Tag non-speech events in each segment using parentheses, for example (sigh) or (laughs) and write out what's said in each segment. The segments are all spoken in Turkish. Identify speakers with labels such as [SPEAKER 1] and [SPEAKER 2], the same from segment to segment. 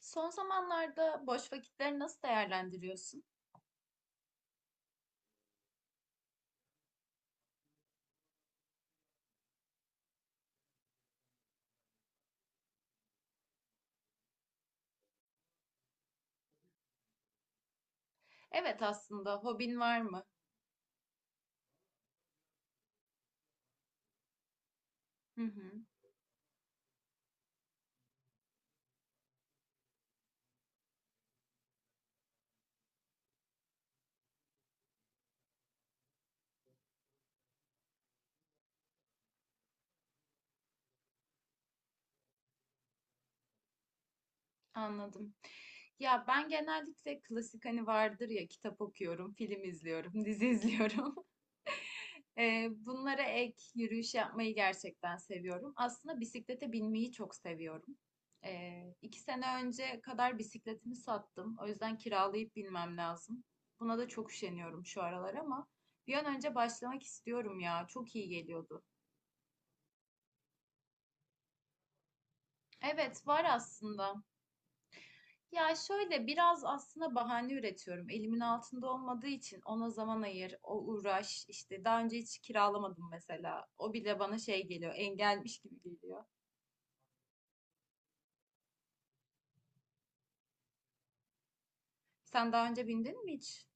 [SPEAKER 1] Son zamanlarda boş vakitleri nasıl değerlendiriyorsun? Evet, aslında hobin var mı? Hı hı, anladım. Ya ben genellikle klasik hani vardır ya kitap okuyorum, film izliyorum, (laughs) dizi izliyorum. Bunlara ek yürüyüş yapmayı gerçekten seviyorum. Aslında bisiklete binmeyi çok seviyorum. İki sene önce kadar bisikletimi sattım. O yüzden kiralayıp binmem lazım. Buna da çok üşeniyorum şu aralar ama bir an önce başlamak istiyorum ya. Çok iyi geliyordu. Evet, var aslında. Ya şöyle biraz aslında bahane üretiyorum. Elimin altında olmadığı için ona zaman ayır, o uğraş. İşte daha önce hiç kiralamadım mesela. O bile bana şey geliyor, engelmiş gibi geliyor. Sen daha önce bindin mi hiç?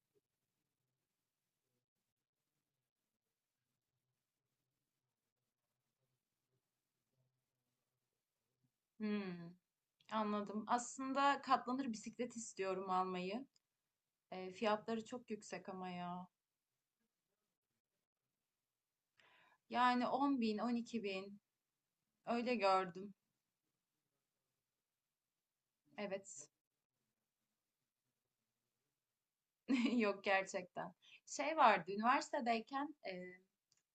[SPEAKER 1] Hmm, anladım. Aslında katlanır bisiklet istiyorum almayı. Fiyatları çok yüksek ama ya. Yani 10 bin, 12 bin öyle gördüm. Evet. (laughs) Yok gerçekten. Şey vardı, üniversitedeyken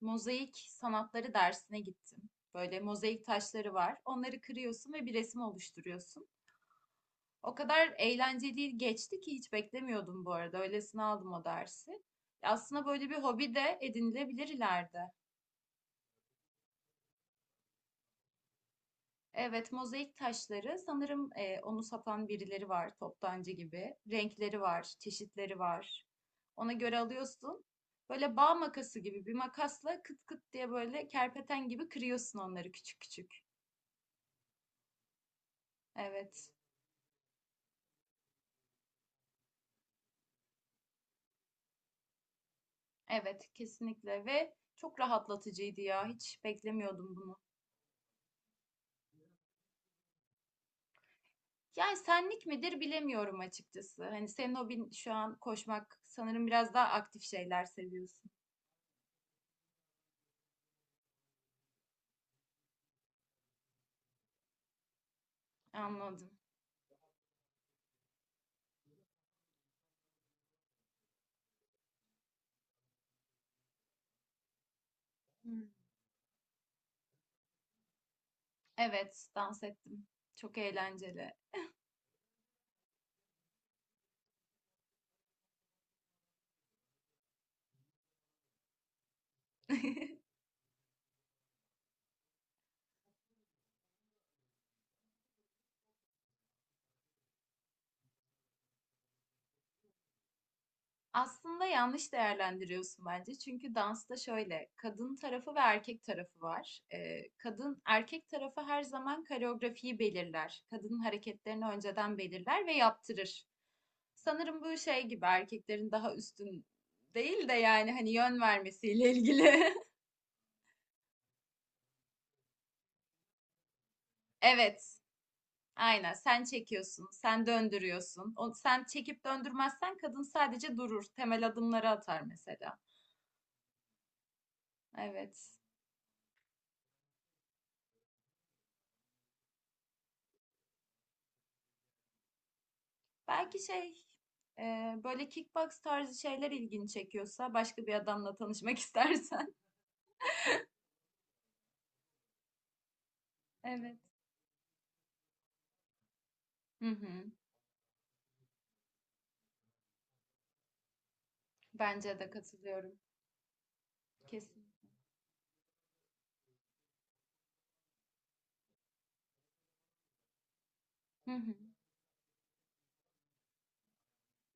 [SPEAKER 1] mozaik sanatları dersine gittim. Böyle mozaik taşları var. Onları kırıyorsun ve bir resim oluşturuyorsun. O kadar eğlenceli geçti ki hiç beklemiyordum bu arada. Öylesine aldım o dersi. Aslında böyle bir hobi de edinilebilir ileride. Evet, mozaik taşları. Sanırım onu satan birileri var, toptancı gibi. Renkleri var, çeşitleri var. Ona göre alıyorsun. Böyle bağ makası gibi bir makasla kıt kıt diye böyle kerpeten gibi kırıyorsun onları küçük küçük. Evet, evet kesinlikle ve çok rahatlatıcıydı ya. Hiç beklemiyordum bunu. Yani senlik midir bilemiyorum açıkçası. Hani senin hobin şu an koşmak. Sanırım biraz daha aktif şeyler seviyorsun. Anladım. Evet, dans ettim. Çok eğlenceli. (laughs) Aslında yanlış değerlendiriyorsun bence. Çünkü dansta şöyle, kadın tarafı ve erkek tarafı var. Kadın, erkek tarafı her zaman koreografiyi belirler. Kadının hareketlerini önceden belirler ve yaptırır. Sanırım bu şey gibi erkeklerin daha üstün değil de yani hani yön vermesiyle ilgili. (laughs) Evet. Aynen sen çekiyorsun, sen döndürüyorsun. O, sen çekip döndürmezsen kadın sadece durur. Temel adımları atar mesela. Evet. Belki e, böyle kickbox tarzı şeyler ilgini çekiyorsa başka bir adamla tanışmak (laughs) istersen. Evet. Hı hı. Bence de katılıyorum. Kesin. Hı hı.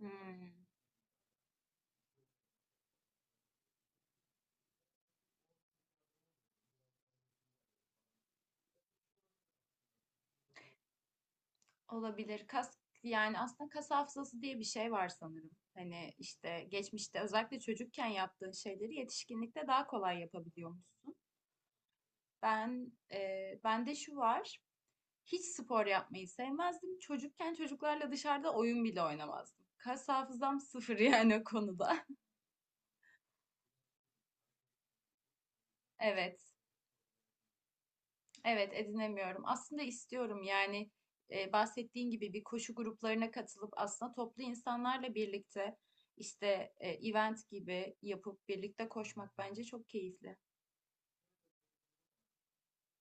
[SPEAKER 1] Hmm. Olabilir. Kas yani aslında kas hafızası diye bir şey var sanırım. Hani işte geçmişte özellikle çocukken yaptığın şeyleri yetişkinlikte daha kolay yapabiliyormuşsun. Ben, bende şu var. Hiç spor yapmayı sevmezdim. Çocukken çocuklarla dışarıda oyun bile oynamazdım. Kas hafızam sıfır (laughs) yani o konuda. (laughs) Evet. Evet edinemiyorum. Aslında istiyorum yani bahsettiğin gibi bir koşu gruplarına katılıp aslında toplu insanlarla birlikte işte event gibi yapıp birlikte koşmak bence çok keyifli.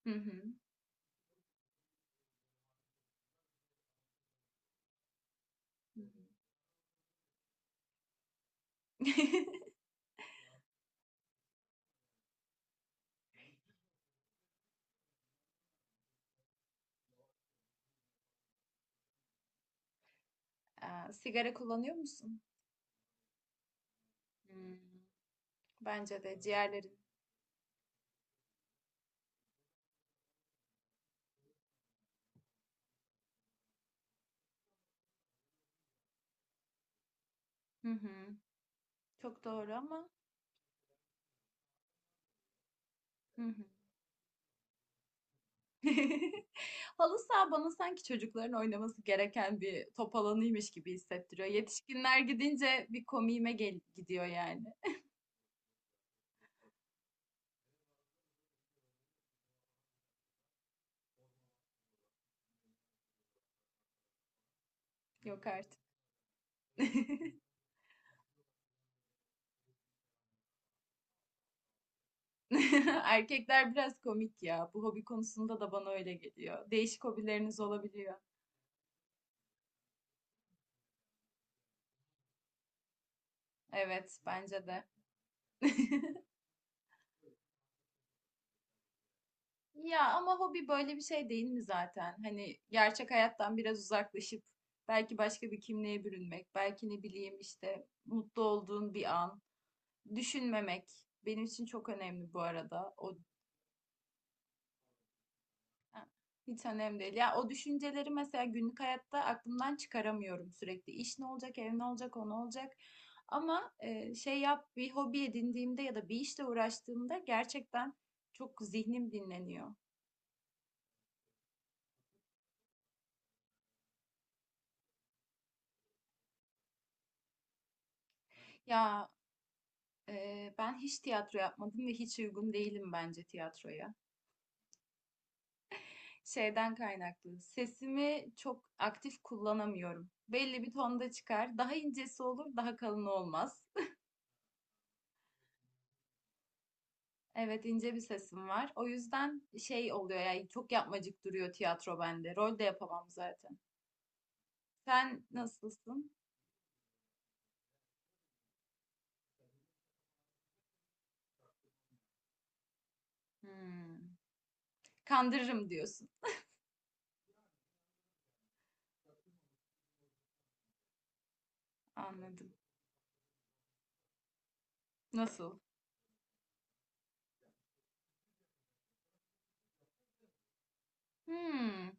[SPEAKER 1] Hı hı. Hı hı. (laughs) Aa, sigara kullanıyor musun? Hmm, bence de ciğerlerin. Hı hı. Çok doğru ama hı hı. (laughs) Halı saha bana sanki çocukların oynaması gereken bir top alanıymış gibi hissettiriyor. Yetişkinler gidince bir komiğime gel gidiyor yani. Yok artık. (laughs) Erkekler biraz komik ya. Bu hobi konusunda da bana öyle geliyor. Değişik hobileriniz olabiliyor. Evet, bence de. (laughs) Ya ama hobi böyle bir şey değil mi zaten? Hani gerçek hayattan biraz uzaklaşıp belki başka bir kimliğe bürünmek, belki ne bileyim işte mutlu olduğun bir an, düşünmemek benim için çok önemli bu arada. O ha, hiç önemli değil. Ya o düşünceleri mesela günlük hayatta aklımdan çıkaramıyorum sürekli. İş ne olacak, ev ne olacak, o ne olacak? Ama e, şey yap bir hobi edindiğimde ya da bir işle uğraştığımda gerçekten çok zihnim dinleniyor. Ya ben hiç tiyatro yapmadım ve hiç uygun değilim bence tiyatroya. Şeyden kaynaklı. Sesimi çok aktif kullanamıyorum. Belli bir tonda çıkar. Daha incesi olur, daha kalını olmaz. (laughs) Evet, ince bir sesim var. O yüzden şey oluyor yani çok yapmacık duruyor tiyatro bende. Rol de yapamam zaten. Sen nasılsın? Hmm. Kandırırım diyorsun. Anladım. Nasıl? Hmm.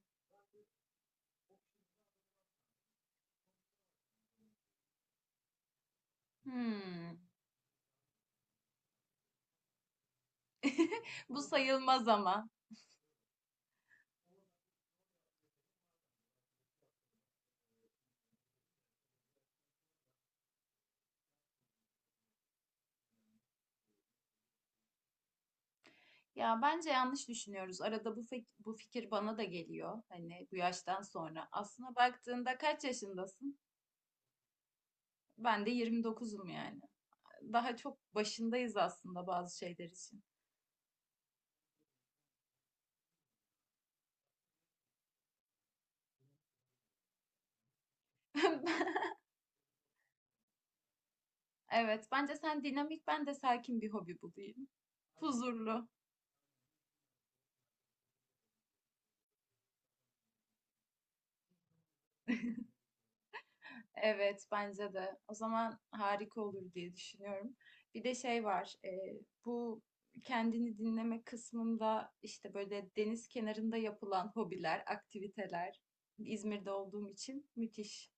[SPEAKER 1] Hmm. Bu sayılmaz ama. Ya bence yanlış düşünüyoruz. Arada bu fikir bana da geliyor. Hani bu yaştan sonra. Aslına baktığında kaç yaşındasın? Ben de 29'um yani. Daha çok başındayız aslında bazı şeyler için. (laughs) Evet, bence sen dinamik, ben de sakin bir hobi bulayım. Huzurlu. Evet, bence de. O zaman harika olur diye düşünüyorum. Bir de şey var, bu kendini dinleme kısmında işte böyle deniz kenarında yapılan hobiler, aktiviteler İzmir'de olduğum için müthiş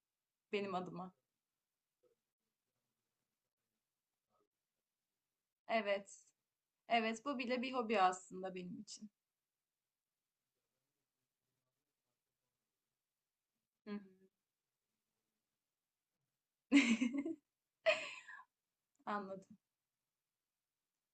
[SPEAKER 1] benim adıma. Evet, evet bu bile bir hobi aslında benim için. Hı hı. (laughs) Anladım.